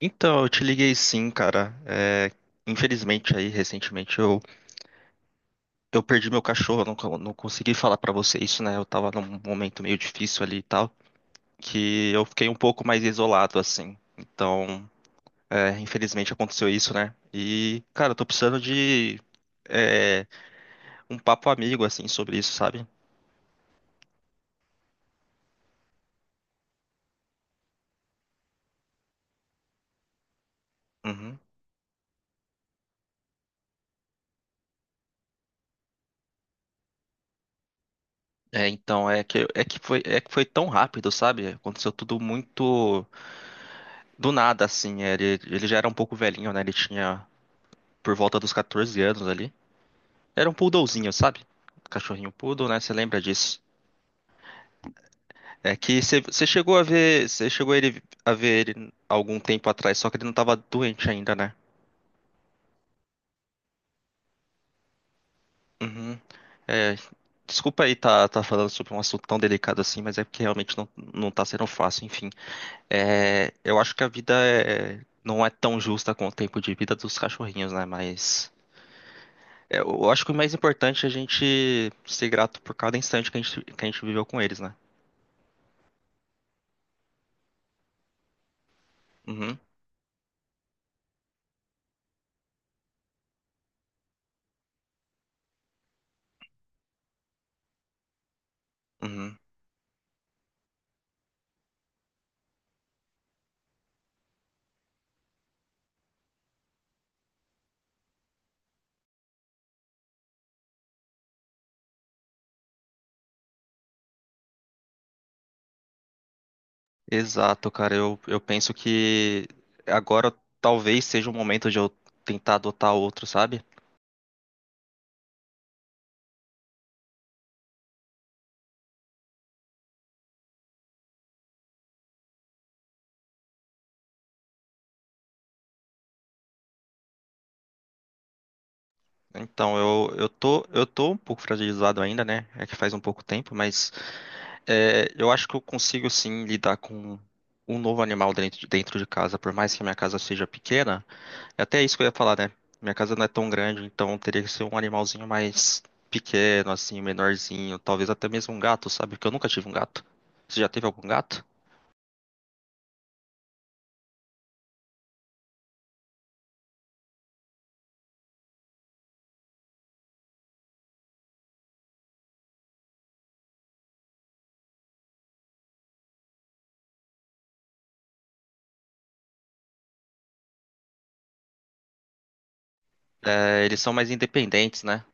Então, eu te liguei sim, cara. Infelizmente aí, recentemente, eu perdi meu cachorro, eu não, não consegui falar pra você isso, né? Eu tava num momento meio difícil ali e tal, que eu fiquei um pouco mais isolado, assim. Então, infelizmente aconteceu isso, né? E, cara, eu tô precisando de é, um papo amigo, assim, sobre isso, sabe? Uhum. Então, é que foi tão rápido, sabe? Aconteceu tudo muito do nada, assim. Ele já era um pouco velhinho, né? Ele tinha por volta dos 14 anos ali. Era um poodlezinho, sabe? Cachorrinho poodle, né? Você lembra disso? É que você chegou a ver, você chegou a ele a ver ele algum tempo atrás, só que ele não tava doente ainda, né? Uhum. É, Desculpa aí tá, tá falando sobre um assunto tão delicado assim, mas é porque realmente não, não tá sendo fácil, enfim. É, eu acho que não é tão justa com o tempo de vida dos cachorrinhos, né? Mas é, eu acho que o mais importante é a gente ser grato por cada instante que a gente viveu com eles, né? Uhum. Uhum. Exato, cara. Eu penso que agora talvez seja o momento de eu tentar adotar outro, sabe? Então, eu tô um pouco fragilizado ainda, né? É que faz um pouco tempo, mas é, eu acho que eu consigo sim lidar com um novo animal dentro, dentro de casa, por mais que a minha casa seja pequena. É até isso que eu ia falar, né? Minha casa não é tão grande, então teria que ser um animalzinho mais pequeno, assim, menorzinho. Talvez até mesmo um gato, sabe? Porque eu nunca tive um gato. Você já teve algum gato? É, eles são mais independentes, né?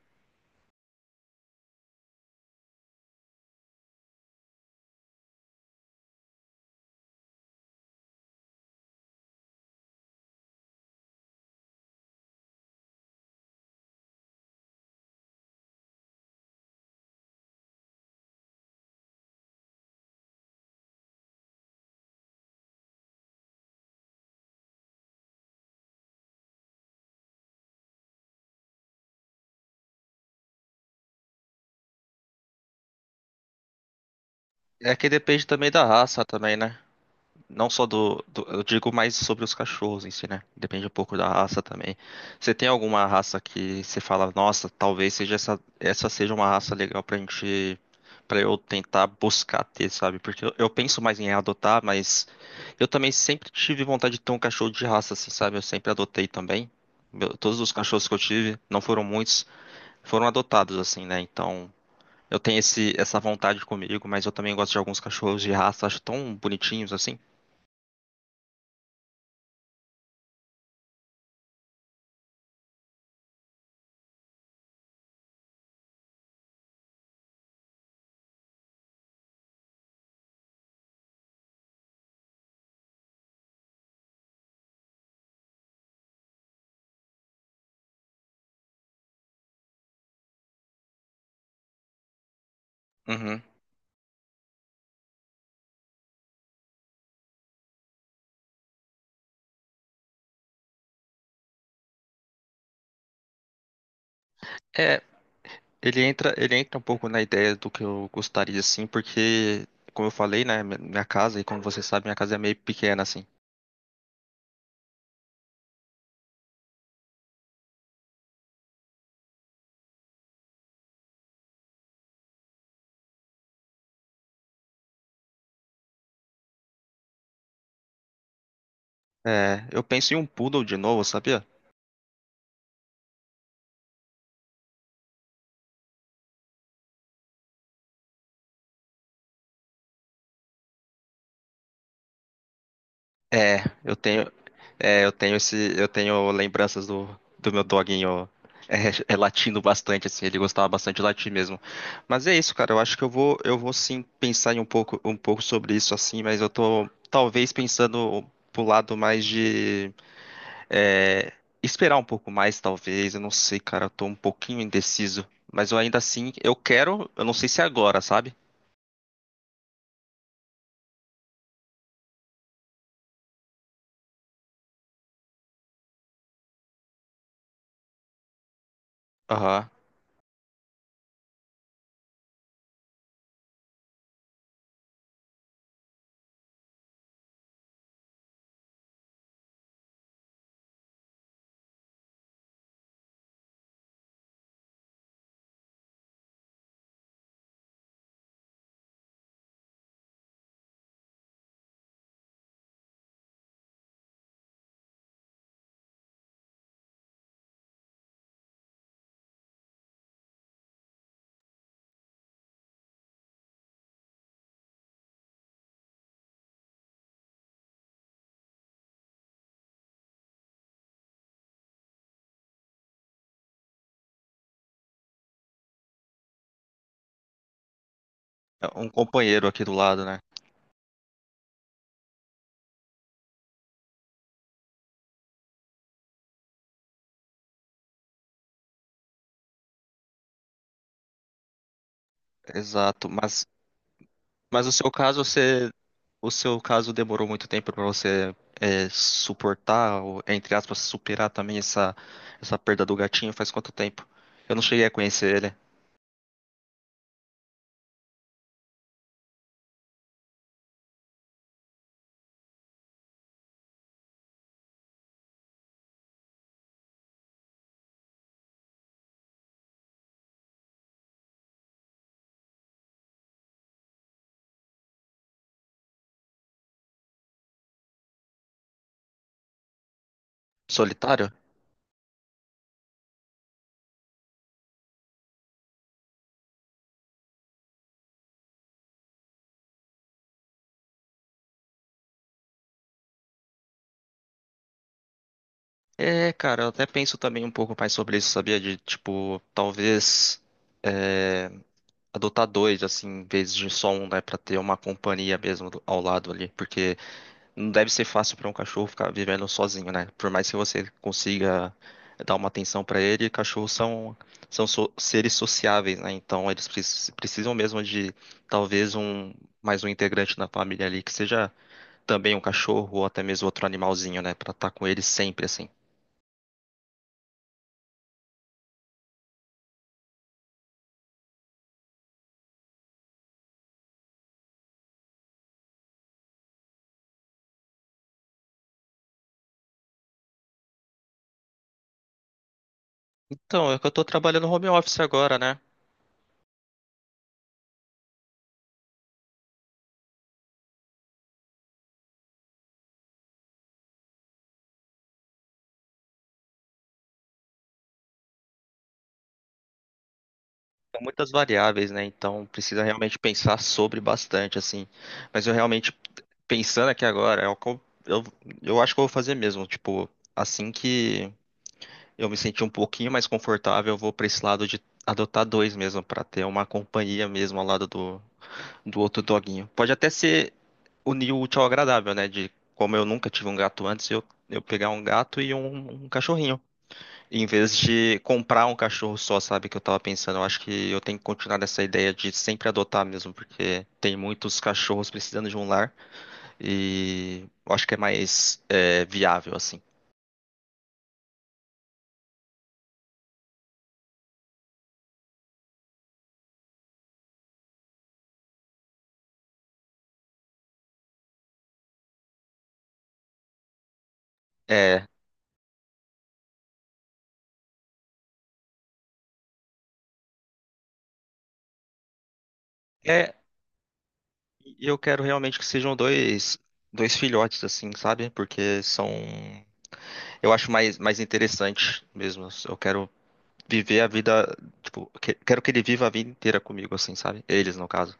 É que depende também da raça também, né? Não só eu digo mais sobre os cachorros em si, né? Depende um pouco da raça também. Você tem alguma raça que você fala, nossa, talvez seja essa, essa seja uma raça legal pra gente. Pra eu tentar buscar ter, sabe? Porque eu penso mais em adotar, mas eu também sempre tive vontade de ter um cachorro de raça, assim, sabe? Eu sempre adotei também. Todos os cachorros que eu tive, não foram muitos, foram adotados, assim, né? Então. Eu tenho essa vontade comigo, mas eu também gosto de alguns cachorros de raça, acho tão bonitinhos assim. Uhum. É, ele entra um pouco na ideia do que eu gostaria assim, porque, como eu falei, né, minha casa, e como você sabe, minha casa é meio pequena assim. É, eu penso em um poodle de novo, sabia? É, eu tenho, eu tenho eu tenho lembranças do, do meu doguinho latindo bastante, assim, ele gostava bastante de latir mesmo. Mas é isso, cara, eu acho que eu vou sim pensar em um pouco sobre isso, assim, mas eu tô talvez pensando pro lado mais de é, esperar um pouco mais, talvez, eu não sei, cara, eu tô um pouquinho indeciso, mas eu ainda assim, eu quero, eu não sei se é agora, sabe? Aham. É um companheiro aqui do lado, né? Exato, mas o seu caso, você, o seu caso demorou muito tempo para você suportar, ou, entre aspas, superar também essa perda do gatinho. Faz quanto tempo? Eu não cheguei a conhecer ele. Solitário? É, cara, eu até penso também um pouco mais sobre isso, sabia? De, tipo, talvez é, adotar dois, assim, em vez de só um, né? Pra ter uma companhia mesmo ao lado ali. Porque não deve ser fácil para um cachorro ficar vivendo sozinho, né? Por mais que você consiga dar uma atenção para ele, cachorros são, são seres sociáveis, né? Então eles precisam mesmo de talvez um mais um integrante da família ali, que seja também um cachorro ou até mesmo outro animalzinho, né? Para estar com eles sempre assim. Então, é que eu tô trabalhando home office agora, né? São muitas variáveis, né? Então precisa realmente pensar sobre bastante, assim. Mas eu realmente pensando aqui agora, é o que eu, eu acho que eu vou fazer mesmo. Tipo, assim que eu me sentir um pouquinho mais confortável, eu vou pra esse lado de adotar dois mesmo, pra ter uma companhia mesmo ao lado do, do outro doguinho. Pode até ser unir o útil ao agradável, né? De como eu nunca tive um gato antes, eu pegar um gato e um cachorrinho. Em vez de comprar um cachorro só, sabe? Que eu tava pensando. Eu acho que eu tenho que continuar nessa ideia de sempre adotar mesmo, porque tem muitos cachorros precisando de um lar. E eu acho que é mais viável, assim. É, é, e eu quero realmente que sejam dois, dois filhotes, assim, sabe? Porque são. Eu acho mais, mais interessante mesmo. Eu quero viver a vida. Tipo, quero que ele viva a vida inteira comigo, assim, sabe? Eles, no caso.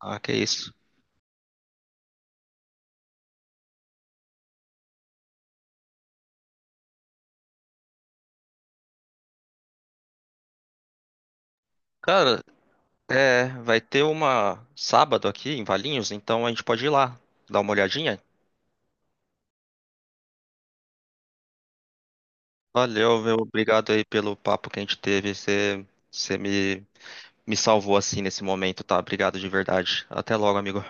Ah, que isso. Cara, é, vai ter uma sábado aqui em Valinhos, então a gente pode ir lá, dar uma olhadinha. Valeu, meu, obrigado aí pelo papo que a gente teve. Você, você me me salvou assim nesse momento, tá? Obrigado de verdade. Até logo, amigo.